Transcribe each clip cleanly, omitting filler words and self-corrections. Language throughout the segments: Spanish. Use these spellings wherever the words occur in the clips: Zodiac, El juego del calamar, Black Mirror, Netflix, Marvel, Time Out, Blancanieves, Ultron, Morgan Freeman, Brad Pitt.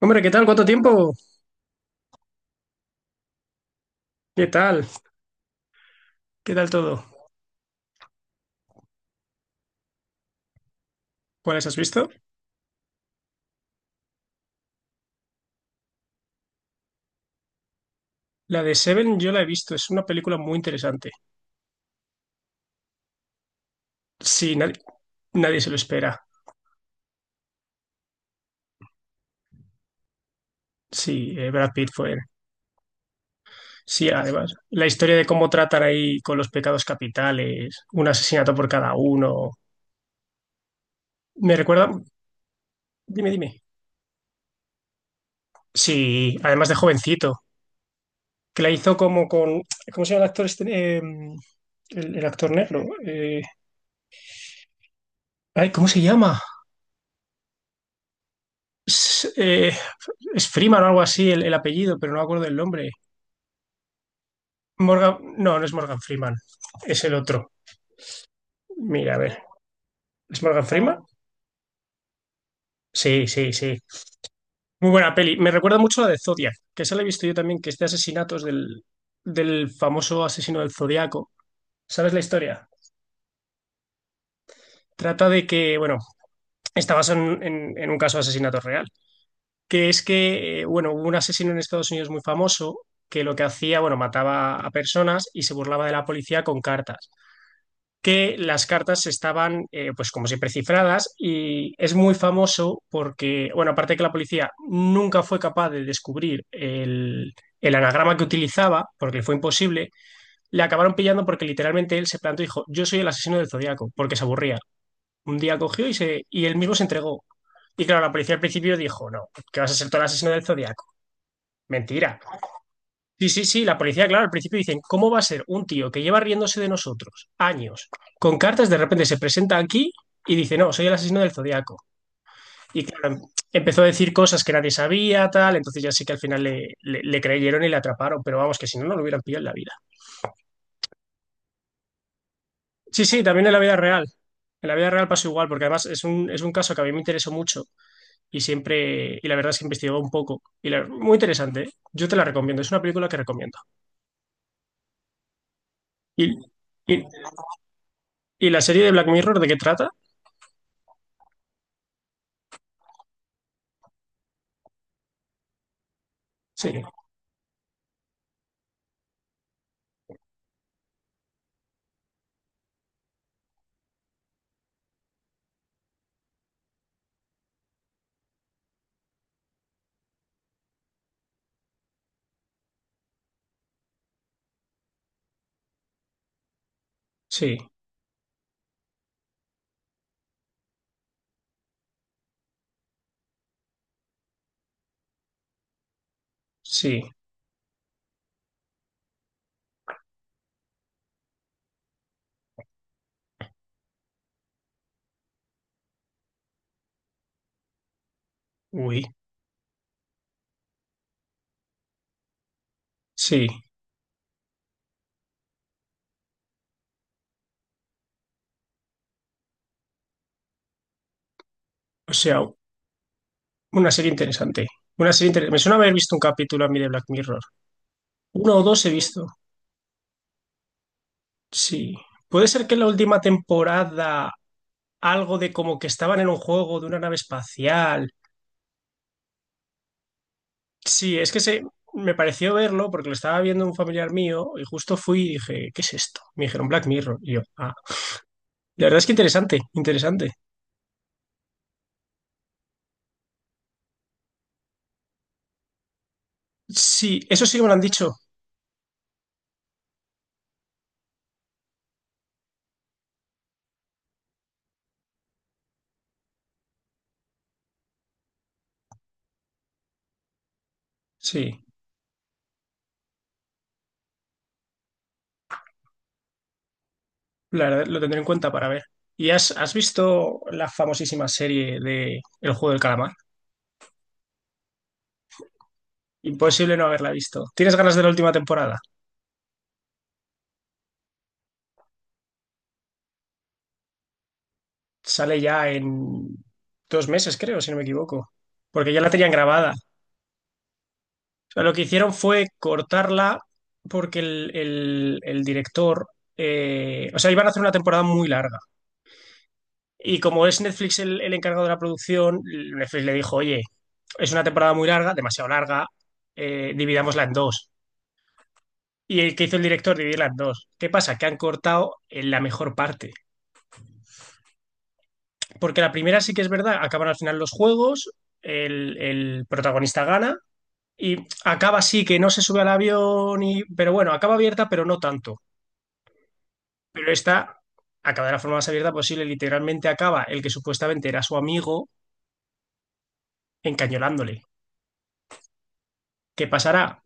Hombre, ¿qué tal? ¿Cuánto tiempo? ¿Qué tal? ¿Qué tal todo? ¿Cuáles has visto? La de Seven yo la he visto, es una película muy interesante. Sí, nadie se lo espera. Sí, Brad Pitt fue. Sí, además. La historia de cómo tratan ahí con los pecados capitales, un asesinato por cada uno. Me recuerda. Dime, dime. Sí, además de jovencito, que la hizo como con. ¿Cómo se llama el actor este? El actor negro. Ay, ¿cómo se llama? S- eh, es Freeman o algo así el apellido, pero no me acuerdo el nombre. Morgan, no, no es Morgan Freeman, es el otro. Mira, a ver, ¿es Morgan Freeman? Sí, sí, sí. Muy buena peli. Me recuerda mucho a la de Zodiac, que esa la he visto yo también, que es de asesinatos del famoso asesino del Zodiaco. ¿Sabes la historia? Trata de que, bueno, está basado en un caso de asesinato real, que es que, bueno, hubo un asesino en Estados Unidos muy famoso que lo que hacía, bueno, mataba a personas y se burlaba de la policía con cartas, que las cartas estaban, pues como siempre, cifradas y es muy famoso porque, bueno, aparte de que la policía nunca fue capaz de descubrir el anagrama que utilizaba, porque le fue imposible, le acabaron pillando porque literalmente él se plantó y dijo, yo soy el asesino del Zodíaco, porque se aburría. Un día cogió y, se, y él mismo se entregó. Y claro, la policía al principio dijo, no, que vas a ser todo el asesino del Zodíaco. Mentira. Sí, sí, sí, la policía, claro, al principio dicen, ¿cómo va a ser un tío que lleva riéndose de nosotros años con cartas, de repente se presenta aquí y dice, no, soy el asesino del zodiaco? Y claro, empezó a decir cosas que nadie sabía, tal, entonces ya sí que al final le, le creyeron y le atraparon, pero vamos, que si no, no lo hubieran pillado en la vida. Sí, sí, también en la vida real. En la vida real pasó igual, porque además es un caso que a mí me interesó mucho y siempre, y la verdad es que he investigado un poco. Y la- muy interesante, ¿eh? Yo te la recomiendo, es una película que recomiendo. Y, y, ¿y la serie de Black Mirror de qué trata? Sí, sí, sí, uy, sí. O sea, una serie interesante. Una serie interesante. Me suena haber visto un capítulo a mí de Black Mirror. Uno o dos he visto. Sí. Puede ser que en la última temporada algo de como que estaban en un juego de una nave espacial. Sí, es que se me pareció verlo porque lo estaba viendo un familiar mío y justo fui y dije, ¿qué es esto? Me dijeron Black Mirror. Y yo, ah, la verdad es que interesante, interesante. Sí, eso sí que me lo han dicho. Sí. La verdad, lo tendré en cuenta para ver. ¿Y has, has visto la famosísima serie de El juego del calamar? Imposible no haberla visto. ¿Tienes ganas de la última temporada? Sale ya en dos meses, creo, si no me equivoco. Porque ya la tenían grabada. O sea, lo que hicieron fue cortarla porque el, el director... o sea, iban a hacer una temporada muy larga. Y como es Netflix el encargado de la producción, Netflix le dijo, oye, es una temporada muy larga, demasiado larga, dividámosla en dos. Y el que hizo el director dividir las dos. ¿Qué pasa? Que han cortado en la mejor parte. Porque la primera sí que es verdad, acaban al final los juegos, el protagonista gana y acaba así que no se sube al avión, y, pero bueno, acaba abierta, pero no tanto. Pero esta acaba de la forma más abierta posible. Literalmente acaba el que supuestamente era su amigo encañolándole. ¿Qué pasará?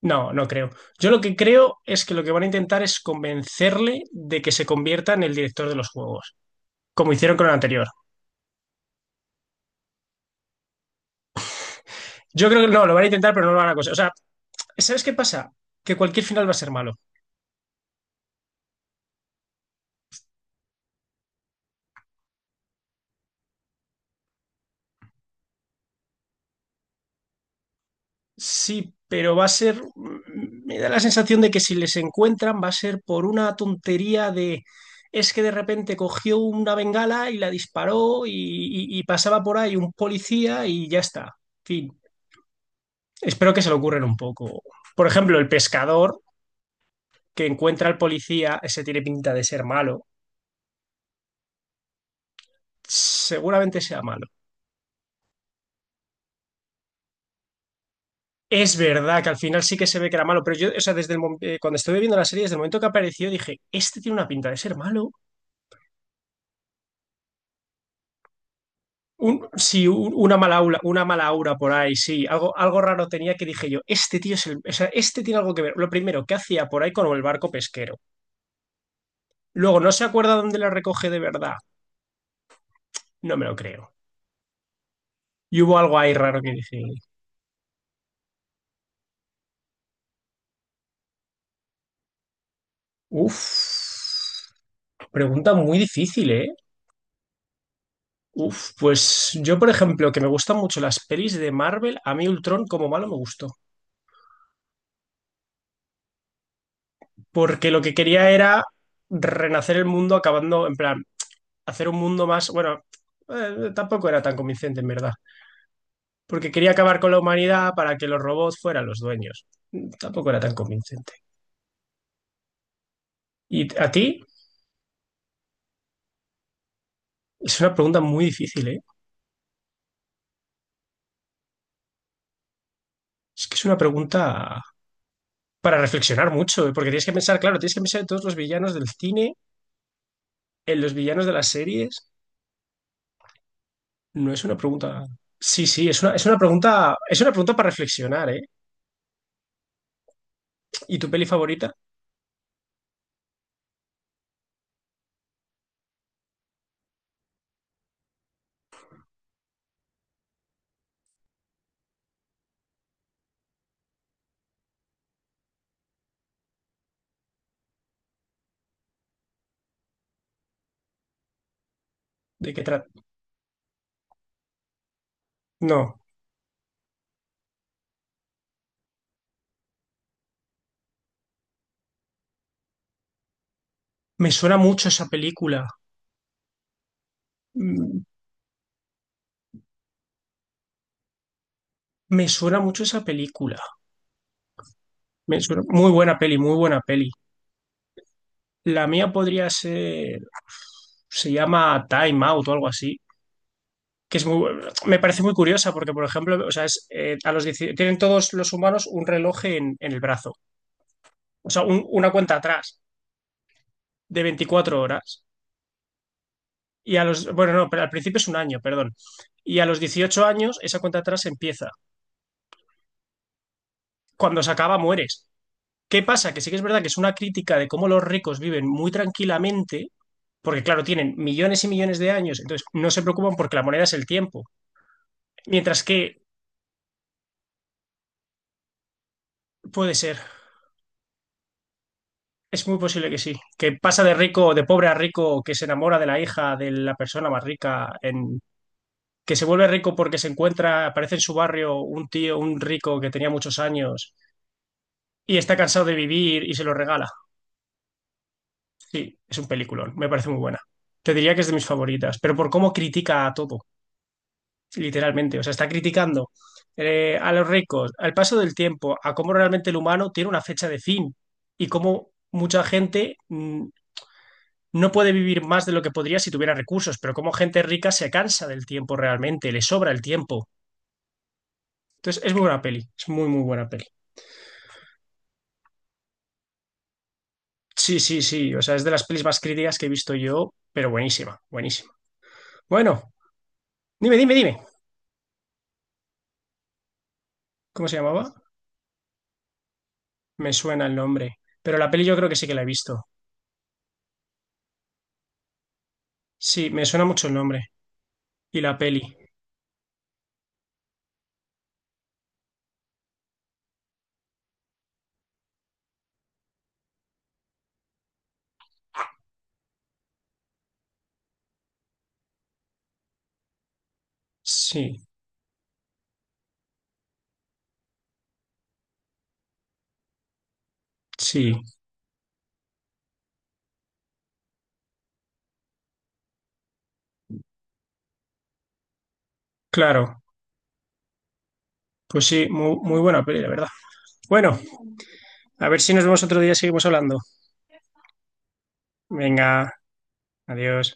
No, no creo. Yo lo que creo es que lo que van a intentar es convencerle de que se convierta en el director de los juegos, como hicieron con el anterior. Yo creo que no, lo van a intentar, pero no lo van a conseguir. O sea, ¿sabes qué pasa? Que cualquier final va a ser malo. Sí, pero va a ser. Me da la sensación de que si les encuentran va a ser por una tontería de. Es que de repente cogió una bengala y la disparó y, y pasaba por ahí un policía y ya está. En fin. Espero que se lo ocurran un poco. Por ejemplo, el pescador que encuentra al policía, ese tiene pinta de ser malo. Seguramente sea malo. Es verdad que al final sí que se ve que era malo, pero yo, o sea, desde el, cuando estuve viendo la serie, desde el momento que apareció, dije, este tiene una pinta de ser malo. Un, sí, un- una mala aura por ahí, sí. Algo, algo raro tenía que dije yo, este tío es el, o sea, este tiene algo que ver. Lo primero, ¿que hacía por ahí con el barco pesquero? Luego, no se acuerda dónde la recoge de verdad. No me lo creo. Y hubo algo ahí raro que dije, uff, pregunta muy difícil, ¿eh? Pues yo, por ejemplo, que me gustan mucho las pelis de Marvel, a mí Ultron como malo me gustó, porque lo que quería era renacer el mundo acabando, en plan, hacer un mundo más, bueno, tampoco era tan convincente en verdad, porque quería acabar con la humanidad para que los robots fueran los dueños. Tampoco era tan convincente. ¿Y a ti? Es una pregunta muy difícil, ¿eh? Es que es una pregunta para reflexionar mucho, ¿eh? Porque tienes que pensar, claro, tienes que pensar en todos los villanos del cine, en los villanos de las series. No es una pregunta. Sí, sí, es una pregunta para reflexionar, ¿eh? ¿Y tu peli favorita? ¿De qué trata? No. Me suena mucho esa película. Mm, Me suena mucho esa película. Me suena- muy buena peli, muy buena peli. La mía podría ser... Se llama Time Out o algo así. Que es muy... bu- me parece muy curiosa porque, por ejemplo, o sea, es, a los 10 tienen todos los humanos un reloj en el brazo. O sea, un- una cuenta atrás de 24 horas. Y a los... Bueno, no, pero al principio es un año, perdón. Y a los 18 años esa cuenta atrás empieza. Cuando se acaba, mueres. ¿Qué pasa? Que sí que es verdad que es una crítica de cómo los ricos viven muy tranquilamente, porque claro, tienen millones y millones de años, entonces no se preocupan porque la moneda es el tiempo. Mientras que puede ser, es muy posible que sí, que pasa de rico, de pobre a rico, que se enamora de la hija de la persona más rica, en, que se vuelve rico porque se encuentra, aparece en su barrio un tío, un rico que tenía muchos años y está cansado de vivir y se lo regala. Sí, es un peliculón, me parece muy buena. Te diría que es de mis favoritas, pero por cómo critica a todo, literalmente. O sea, está criticando a los ricos, al paso del tiempo, a cómo realmente el humano tiene una fecha de fin y cómo mucha gente no puede vivir más de lo que podría si tuviera recursos, pero cómo gente rica se cansa del tiempo realmente, le sobra el tiempo. Entonces, es muy buena peli, es muy, muy buena peli. Sí, sí, sí, o sea, es de las pelis más críticas que he visto yo, pero buenísima, buenísima. Bueno, dime, dime, dime, ¿cómo se llamaba? Me suena el nombre, pero la peli yo creo que sí que la he visto. Sí, me suena mucho el nombre y la peli. Sí, sí, claro. Pues sí, muy, muy buena peli, la verdad. Bueno, a ver si nos vemos otro día y seguimos hablando. Venga, adiós.